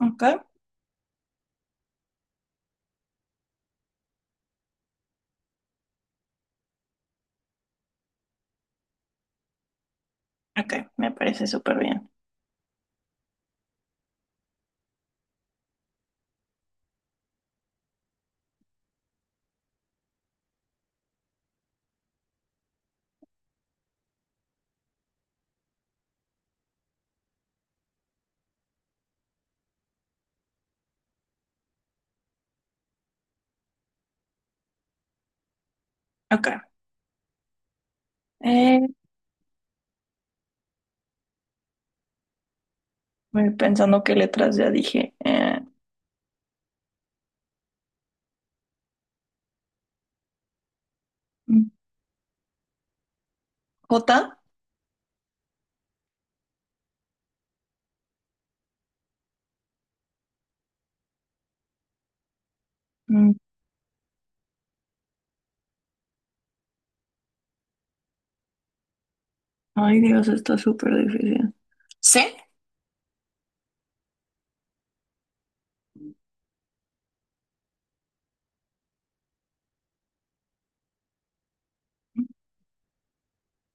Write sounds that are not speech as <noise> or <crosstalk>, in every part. Ok, ok, me parece súper bien. Ok, eh, voy pensando qué letras ya dije. Mm, J. Mm, Ay, Dios, está súper difícil. C.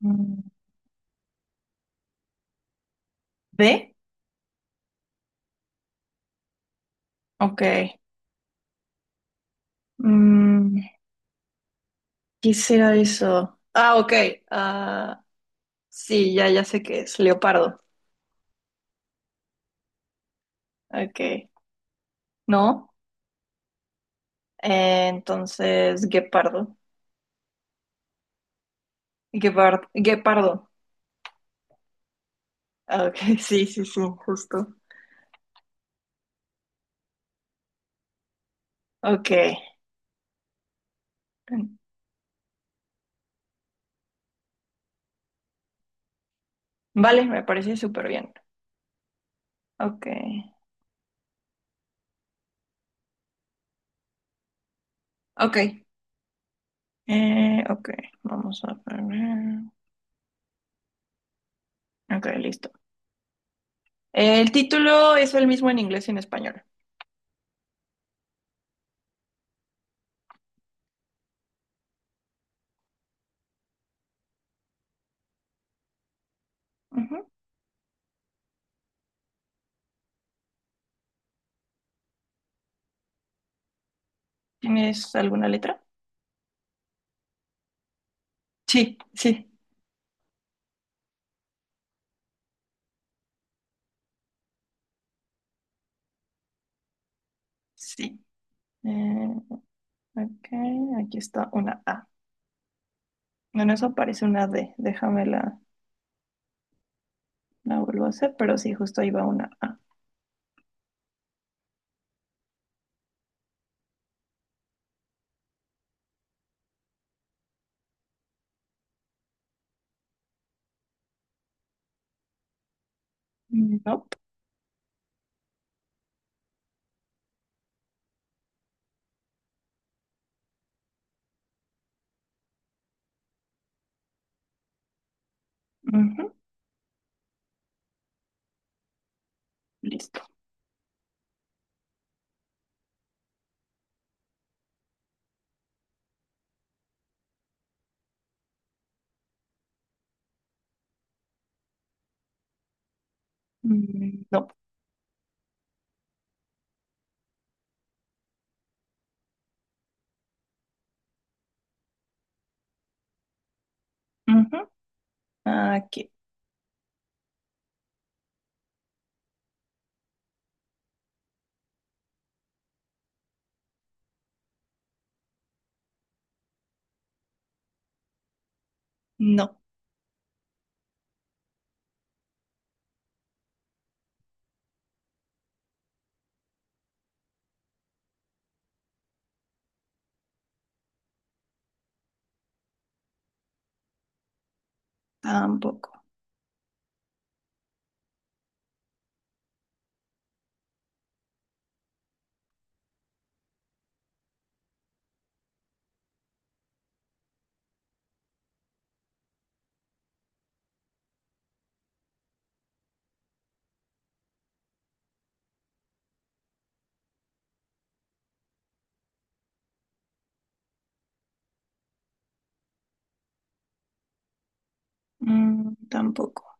Mm, D. Ok. Mm, ¿Qué será eso? Ah, ok. Ah, sí, ya sé qué es. Leopardo. Ok. No. Entonces, guepardo. Guepardo. Ah, Ok, <laughs> sí, sí, sí, justo. Ok. Vale, me parece súper bien. Ok, ok, ok, vamos a poner. Ok, listo. El título es el mismo en inglés y en español. Ujú. ¿Tienes alguna letra? Sí, sí, sí. Eh, ok, aquí está una A. Bueno, eso parece una D. La vuelvo a hacer, pero sí, justo ahí va una A. Nope. Ujú, listo. Nope. Ujú. Aquí. No, tampoco. Tampoco.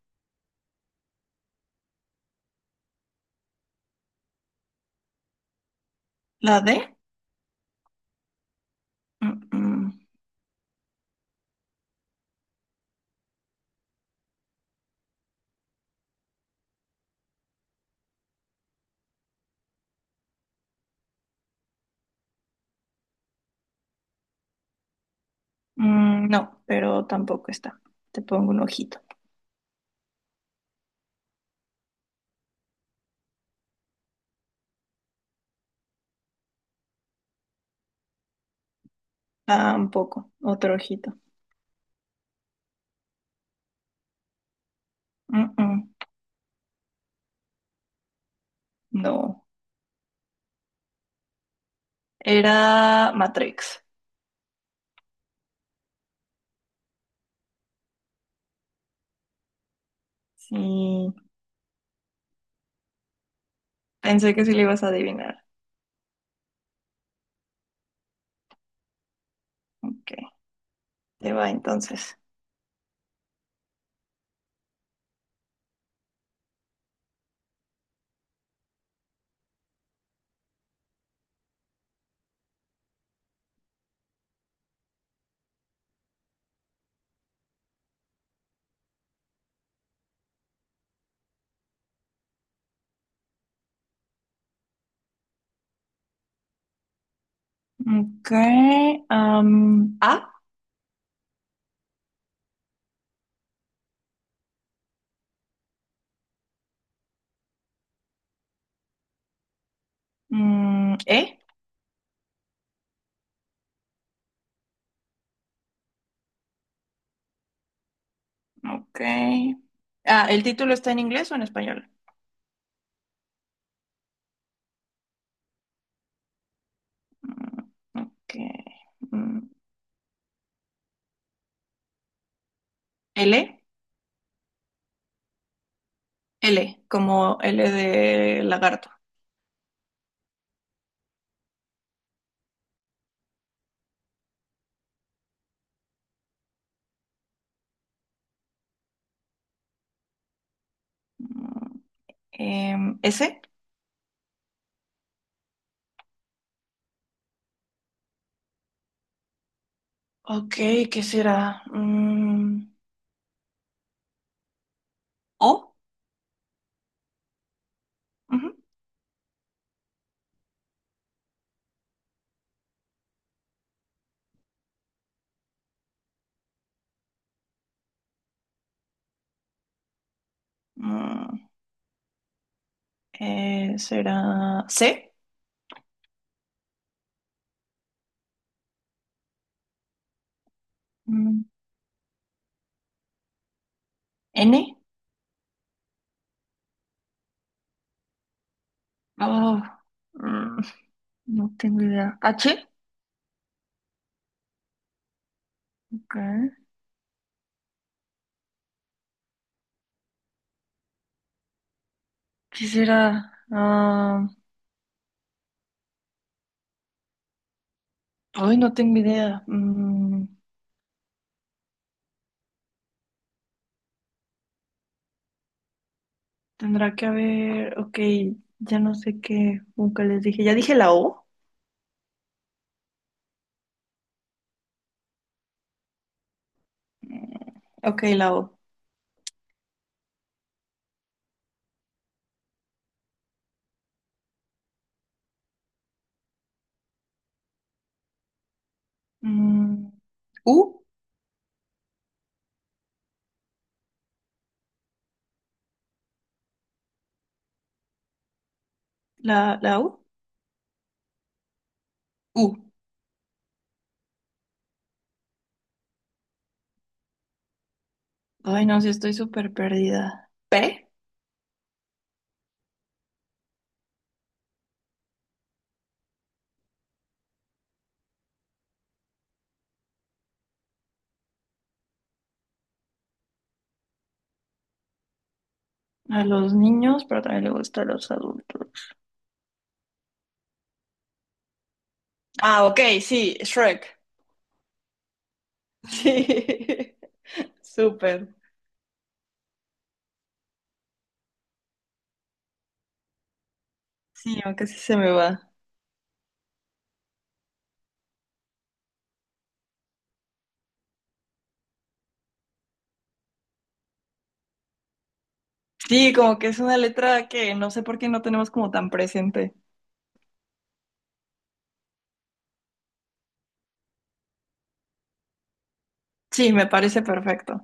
¿La D? Mm. No, pero tampoco está. Te pongo un ojito. Tampoco. Otro ojito. Mm, mm, No. Era Matrix. Sí. Pensé que sí le ibas a adivinar. Ok. Te va entonces. Ok. A. E. Ok. Ah, ¿el título está en inglés o en español? Ok. Mm, L. L. Como L de lagarto. Mm, S. Ok, ¿qué será? ¿O? Ujú. Mm, ¿Será C? Mm, ¿N? Oh, mm, no tengo idea. ¿H? Ok, ¿qué será? Ah, hoy no tengo idea. Tendrá que haber... Ok, ya no sé qué. Nunca les dije. ¿Ya dije la O? Mm, ok, la O. Mm, ¿U? ¿La U? U. Ay, no, sí estoy súper perdida. ¿P? A los niños, pero también le gusta a los adultos. Ah, ok, sí, Shrek. Sí, <laughs> súper. Sí, aunque sí se me va. Sí, como que es una letra que no sé por qué no tenemos como tan presente. Sí, me parece perfecto.